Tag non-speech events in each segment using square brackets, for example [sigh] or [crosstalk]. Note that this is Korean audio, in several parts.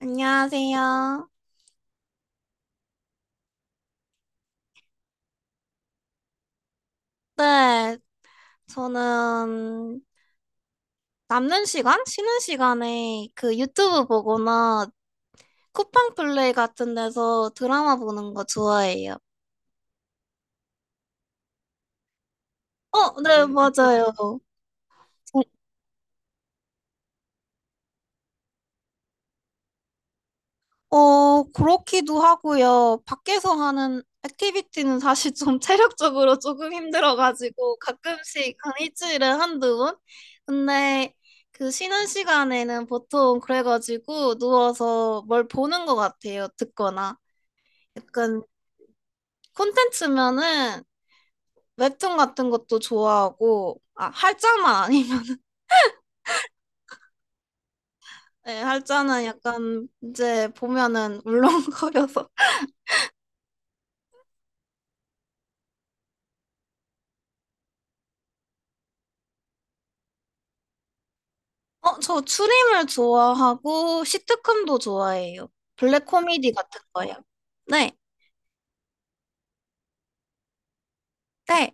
안녕하세요. 네, 저는 남는 시간? 쉬는 시간에 그 유튜브 보거나 쿠팡 플레이 같은 데서 드라마 보는 거 좋아해요. 어, 네, 맞아요. 어, 그렇기도 하고요. 밖에서 하는 액티비티는 사실 좀 [laughs] 체력적으로 조금 힘들어가지고 가끔씩 한 일주일에 한두 번? 근데 그 쉬는 시간에는 보통 그래가지고 누워서 뭘 보는 것 같아요. 듣거나. 약간 콘텐츠면은 웹툰 같은 것도 좋아하고 아 할자만 아니면 [laughs] 네, 할자는 약간 이제 보면은 울렁거려서 [laughs] 어 저 추림을 좋아하고 시트콤도 좋아해요 블랙 코미디 같은 거요 네 네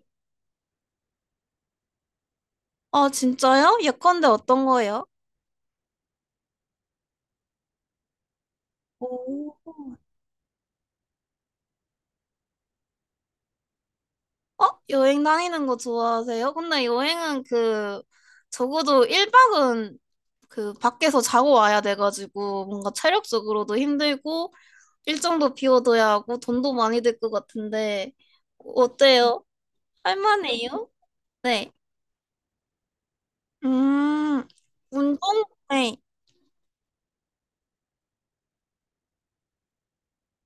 어 진짜요 예컨대 어떤 거예요? 오. 어? 여행 다니는 거 좋아하세요? 근데 여행은 그, 적어도 1박은 그, 밖에서 자고 와야 돼가지고, 뭔가 체력적으로도 힘들고, 일정도 비워둬야 하고, 돈도 많이 들 것 같은데, 어때요? 할만해요? 네. 음, 운동? 네.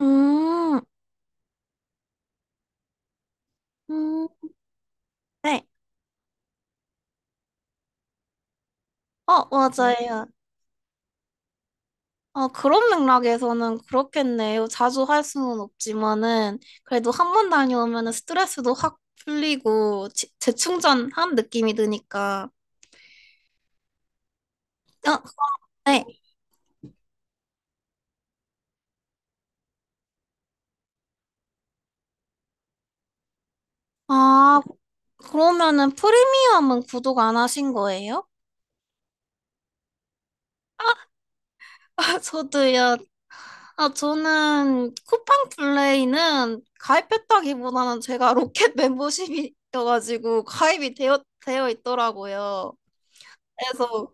음, 음, 네. 어, 맞아요. 어, 그런 맥락에서는 그렇겠네요. 자주 할 수는 없지만은, 그래도 한 번 다녀오면은 스트레스도 확 풀리고, 지- 재충전한 느낌이 드니까. 어, 네. 아, 그러면은 프리미엄은 구독 안 하신 거예요? [laughs] 아, 저도요. 아, 저는 쿠팡 플레이는 가입했다기보다는 제가 로켓 [laughs] 멤버십이어가지고 가입이 되어 있더라고요. 그래서,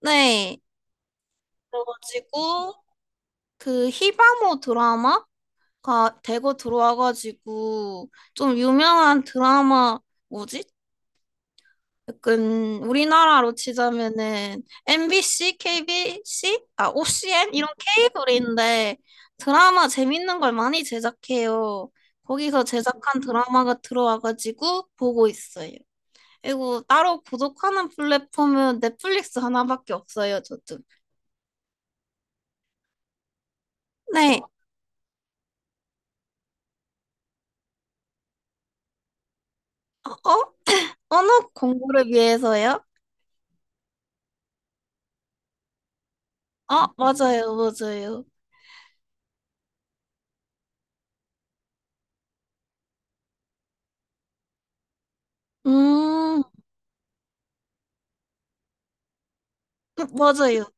네. 그래가지고, 그 히바모 드라마가 대거 들어와가지고 좀 유명한 드라마 뭐지? 약간 우리나라로 치자면은 MBC, KBC, 아 OCN 이런 케이블인데 드라마 재밌는 걸 많이 제작해요. 거기서 제작한 드라마가 들어와가지고 보고 있어요. 그리고 따로 구독하는 플랫폼은 넷플릭스 하나밖에 없어요, 저도. 네, 어? 언어 공부를 위해서요? 아, 맞아요, 맞아요. 음, 맞아요.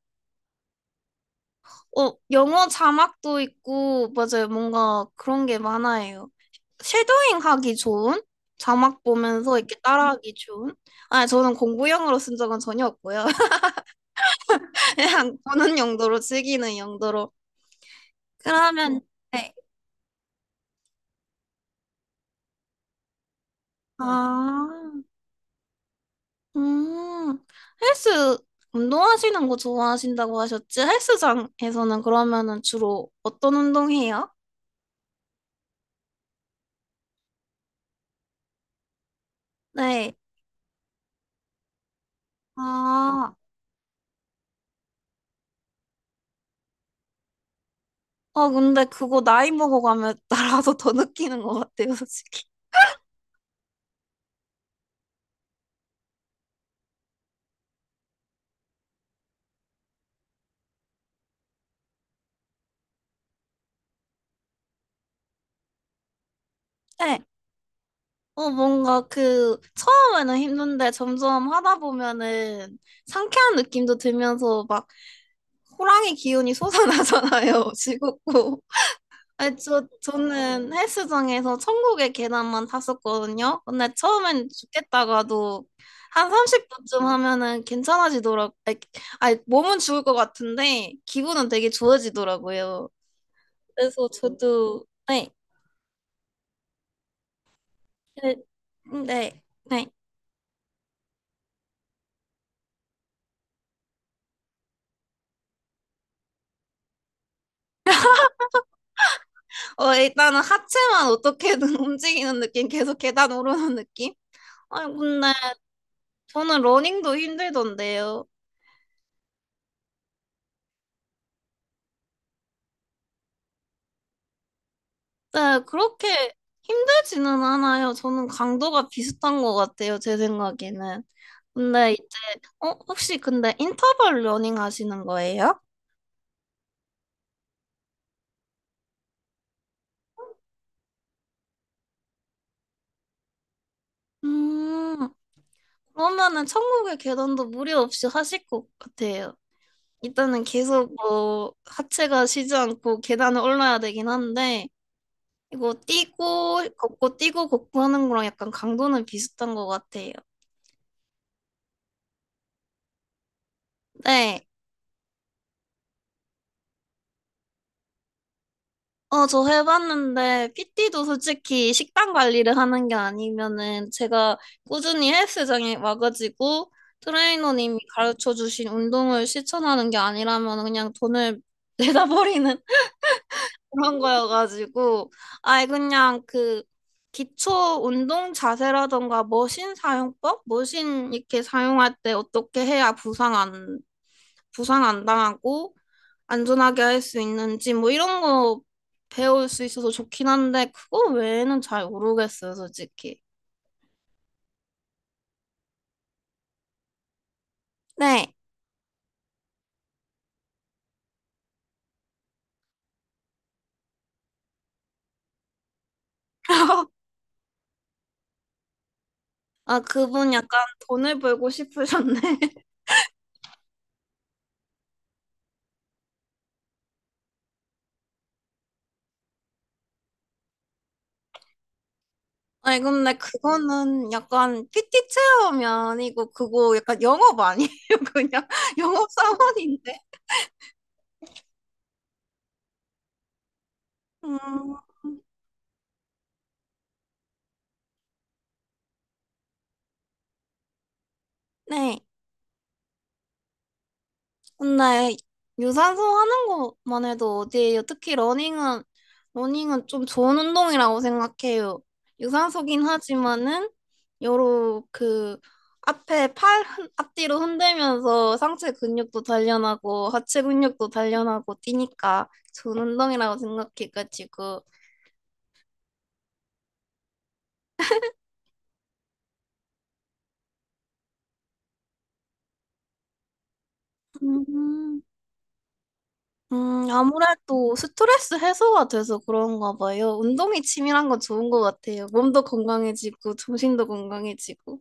어, 영어 자막도 있고, 맞아요. 뭔가 그런 게 많아요. 쉐도잉 하기 좋은? 자막 보면서 이렇게 따라하기 좋은? 아, 저는 공부용으로 쓴 적은 전혀 없고요. [laughs] 그냥 보는 용도로, 즐기는 용도로. 그러면, 네. 아, 음, 헬스, 운동하시는 거 좋아하신다고 하셨지? 헬스장에서는 그러면은 주로 어떤 운동해요? 네. 아, 아, 근데 그거 나이 먹어가면 [laughs] 나라도 더 느끼는 것 같아요, 솔직히. 네. 어, 뭔가 그, 처음에는 힘든데 점점 하다 보면은 상쾌한 느낌도 들면서 막 호랑이 기운이 솟아나잖아요, [laughs] 지겹고. 아니, 저는 헬스장에서 천국의 계단만 탔었거든요. 근데 처음엔 죽겠다가도 한 30분쯤 하면은 괜찮아지더라고. 아니, 아니, 몸은 죽을 것 같은데 기분은 되게 좋아지더라고요. 그래서 저도 네, 네, 네. 네. 어, 일단은 하체만 어떻게든 [laughs] 움직이는 느낌, 계속 계단 오르는 느낌? 아니, 근데 저는 러닝도 힘들던데요. 네, 그렇게 힘들지는 않아요. 저는 강도가 비슷한 것 같아요, 제 생각에는. 근데 이제, 혹시 근데 인터벌 러닝 하시는 거예요? 음, 그러면은 천국의 계단도 무리 없이 하실 것 같아요. 일단은 계속 뭐 하체가 쉬지 않고 계단을 올라야 되긴 한데 이거 뛰고 걷고 뛰고 걷고 하는 거랑 약간 강도는 비슷한 것 같아요. 네. 어, 저 해봤는데 PT도 솔직히 식단 관리를 하는 게 아니면은 제가 꾸준히 헬스장에 와가지고 트레이너님이 가르쳐 주신 운동을 실천하는 게 아니라면 그냥 돈을 [laughs] 내다 버리는 그런 거여가지고 아예 그냥 그 기초 운동 자세라던가 머신 사용법, 머신 이렇게 사용할 때 어떻게 해야 부상 안 당하고 안전하게 할 수 있는지 뭐 이런 거 배울 수 있어서 좋긴 한데 그거 외에는 잘 모르겠어요, 솔직히. 네. [laughs] 아, 그분 약간 돈을 벌고 싶으셨네. 아니 근데 그거는 약간 PT 체험이 아니고 그거 약간 영업 아니에요? [laughs] 그냥 영업 사원인데. 음, 네. 근데 유산소 하는 것만 해도 어디예요? 특히 러닝은 좀 좋은 운동이라고 생각해요. 유산소긴 하지만은 여러 그 앞에 팔 앞뒤로 흔들면서 상체 근육도 단련하고 하체 근육도 단련하고 뛰니까 좋은 운동이라고 생각해가지고. 음, 아무래도 스트레스 해소가 돼서 그런가 봐요. 운동이 치밀한 건 좋은 것 같아요. 몸도 건강해지고, 정신도 건강해지고.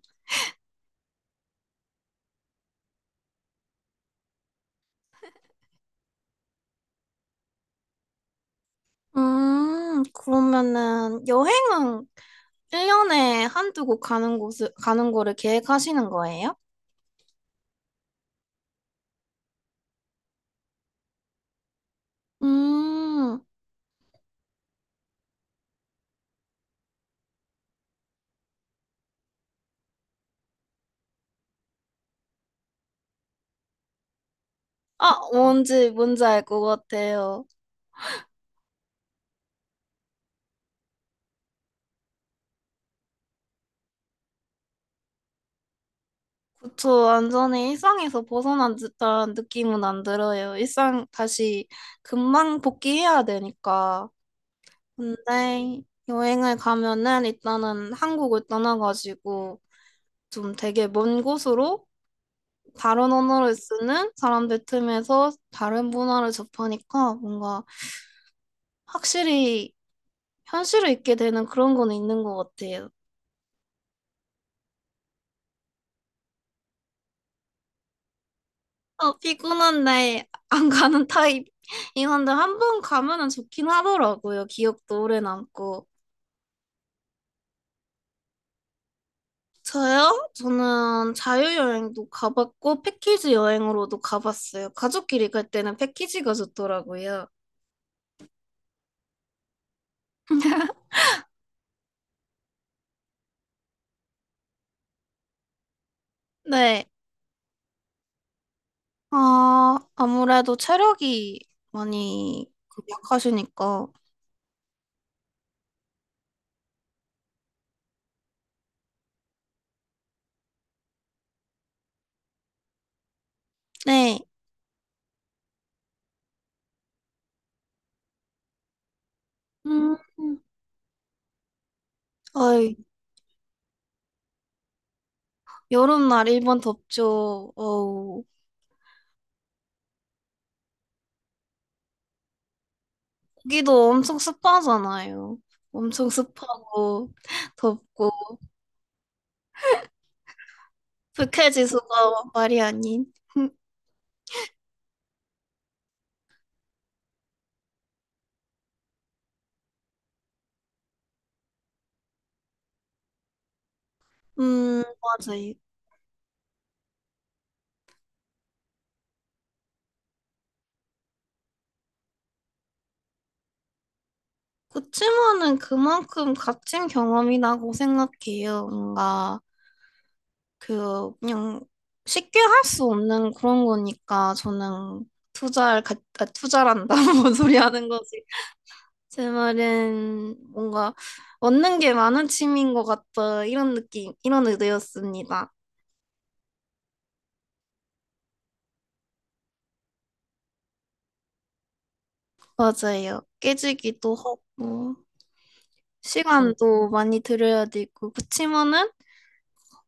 그러면은 여행은 1년에 한두 곳 가는 곳을, 가는 거를 계획하시는 거예요? 음, 아, 뭔지, 뭔지 알 것 같아요. 그쵸, 완전히 일상에서 벗어난 듯한 느낌은 안 들어요. 일상 다시 금방 복귀해야 되니까. 근데 여행을 가면은 일단은 한국을 떠나가지고 좀 되게 먼 곳으로 다른 언어를 쓰는 사람들 틈에서 다른 문화를 접하니까 뭔가 확실히 현실을 잊게 되는 그런 건 있는 것 같아요. 어, 피곤한데 안 가는 타입. 이건데 한 번 가면은 좋긴 하더라고요. 기억도 오래 남고. 저요? 저는 자유여행도 가봤고, 패키지 여행으로도 가봤어요. 가족끼리 갈 때는 패키지가 좋더라고요. 네. 아, 아무래도 체력이 많이 약하시니까. 네. 음, 아이, 여름날 일본 덥죠. 어우, 거기도 엄청 습하잖아요. 엄청 습하고, [laughs] 덥고, 불쾌지수가 말이 아닌. [laughs] 맞아요. 그치만은 그만큼 값진 경험이라고 생각해요. 뭔가 그 그냥 쉽게 할 수 없는 그런 거니까 저는 투자를 가, 아, 투자란다 [laughs] 뭔 소리 하는 거지. 제 말은 뭔가 얻는 게 많은 취미인 것 같다 이런 느낌 이런 의도였습니다. 맞아요. 깨지기도 하고 시간도 많이 들여야 되고 그치만은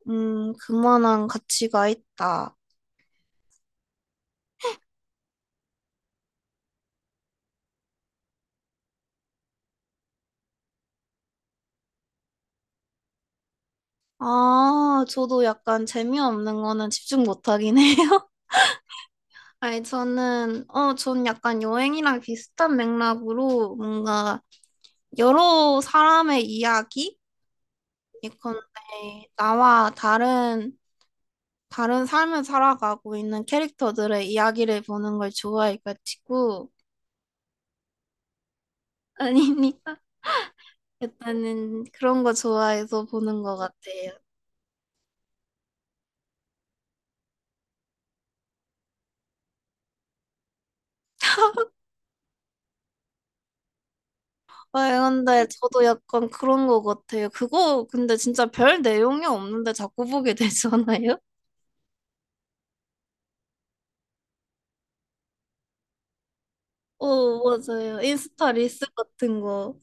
그만한 가치가 있다. 아, 저도 약간 재미없는 거는 집중 못 하긴 해요. [laughs] 아니, 저는, 전 약간 여행이랑 비슷한 맥락으로 뭔가 여러 사람의 이야기? 예컨대 나와 다른 삶을 살아가고 있는 캐릭터들의 이야기를 보는 걸 좋아해가지고, [laughs] 아니니까 일단은 그런 거 좋아해서 보는 것 같아요. 네, 근데 저도 약간 그런 거 같아요. 그거 근데 진짜 별 내용이 없는데 자꾸 보게 [laughs] 되잖아요. 어, 맞아요. 인스타 릴스 같은 거.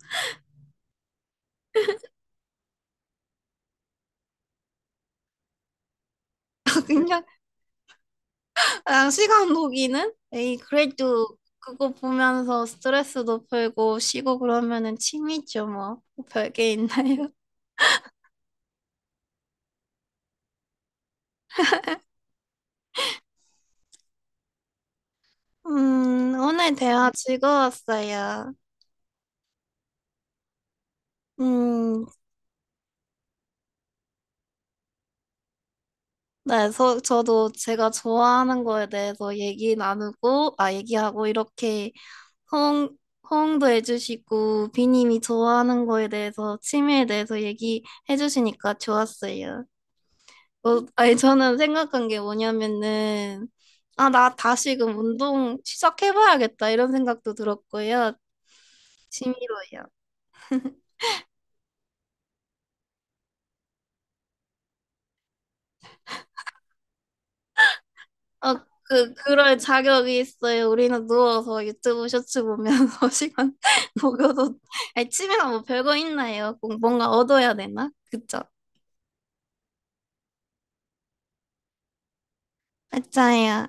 [laughs] 그냥, 그냥 시간 녹이는? 에이, 그래도 그거 보면서 스트레스도 풀고 쉬고 그러면은 취미죠, 뭐. 별 게 있나요? [laughs] 오늘 대화 즐거웠어요. 음, 네, 저도 제가 좋아하는 거에 대해서 얘기 나누고, 아, 얘기하고 이렇게 호응, 호응도 해주시고, 비님이 좋아하는 거에 대해서, 취미에 대해서 얘기해 주시니까 좋았어요. 어, 아니, 저는 생각한 게 뭐냐면은, 아, 나 다시금 운동 시작해봐야겠다, 이런 생각도 들었고요. 취미로요. 어, 그럴 자격이 있어요. 우리는 누워서 유튜브 쇼츠 보면서 [laughs] 시간 보고도, 아니, 취미가 뭐 별거 있나요? 꼭 뭔가 얻어야 되나? 그쵸? 맞아요.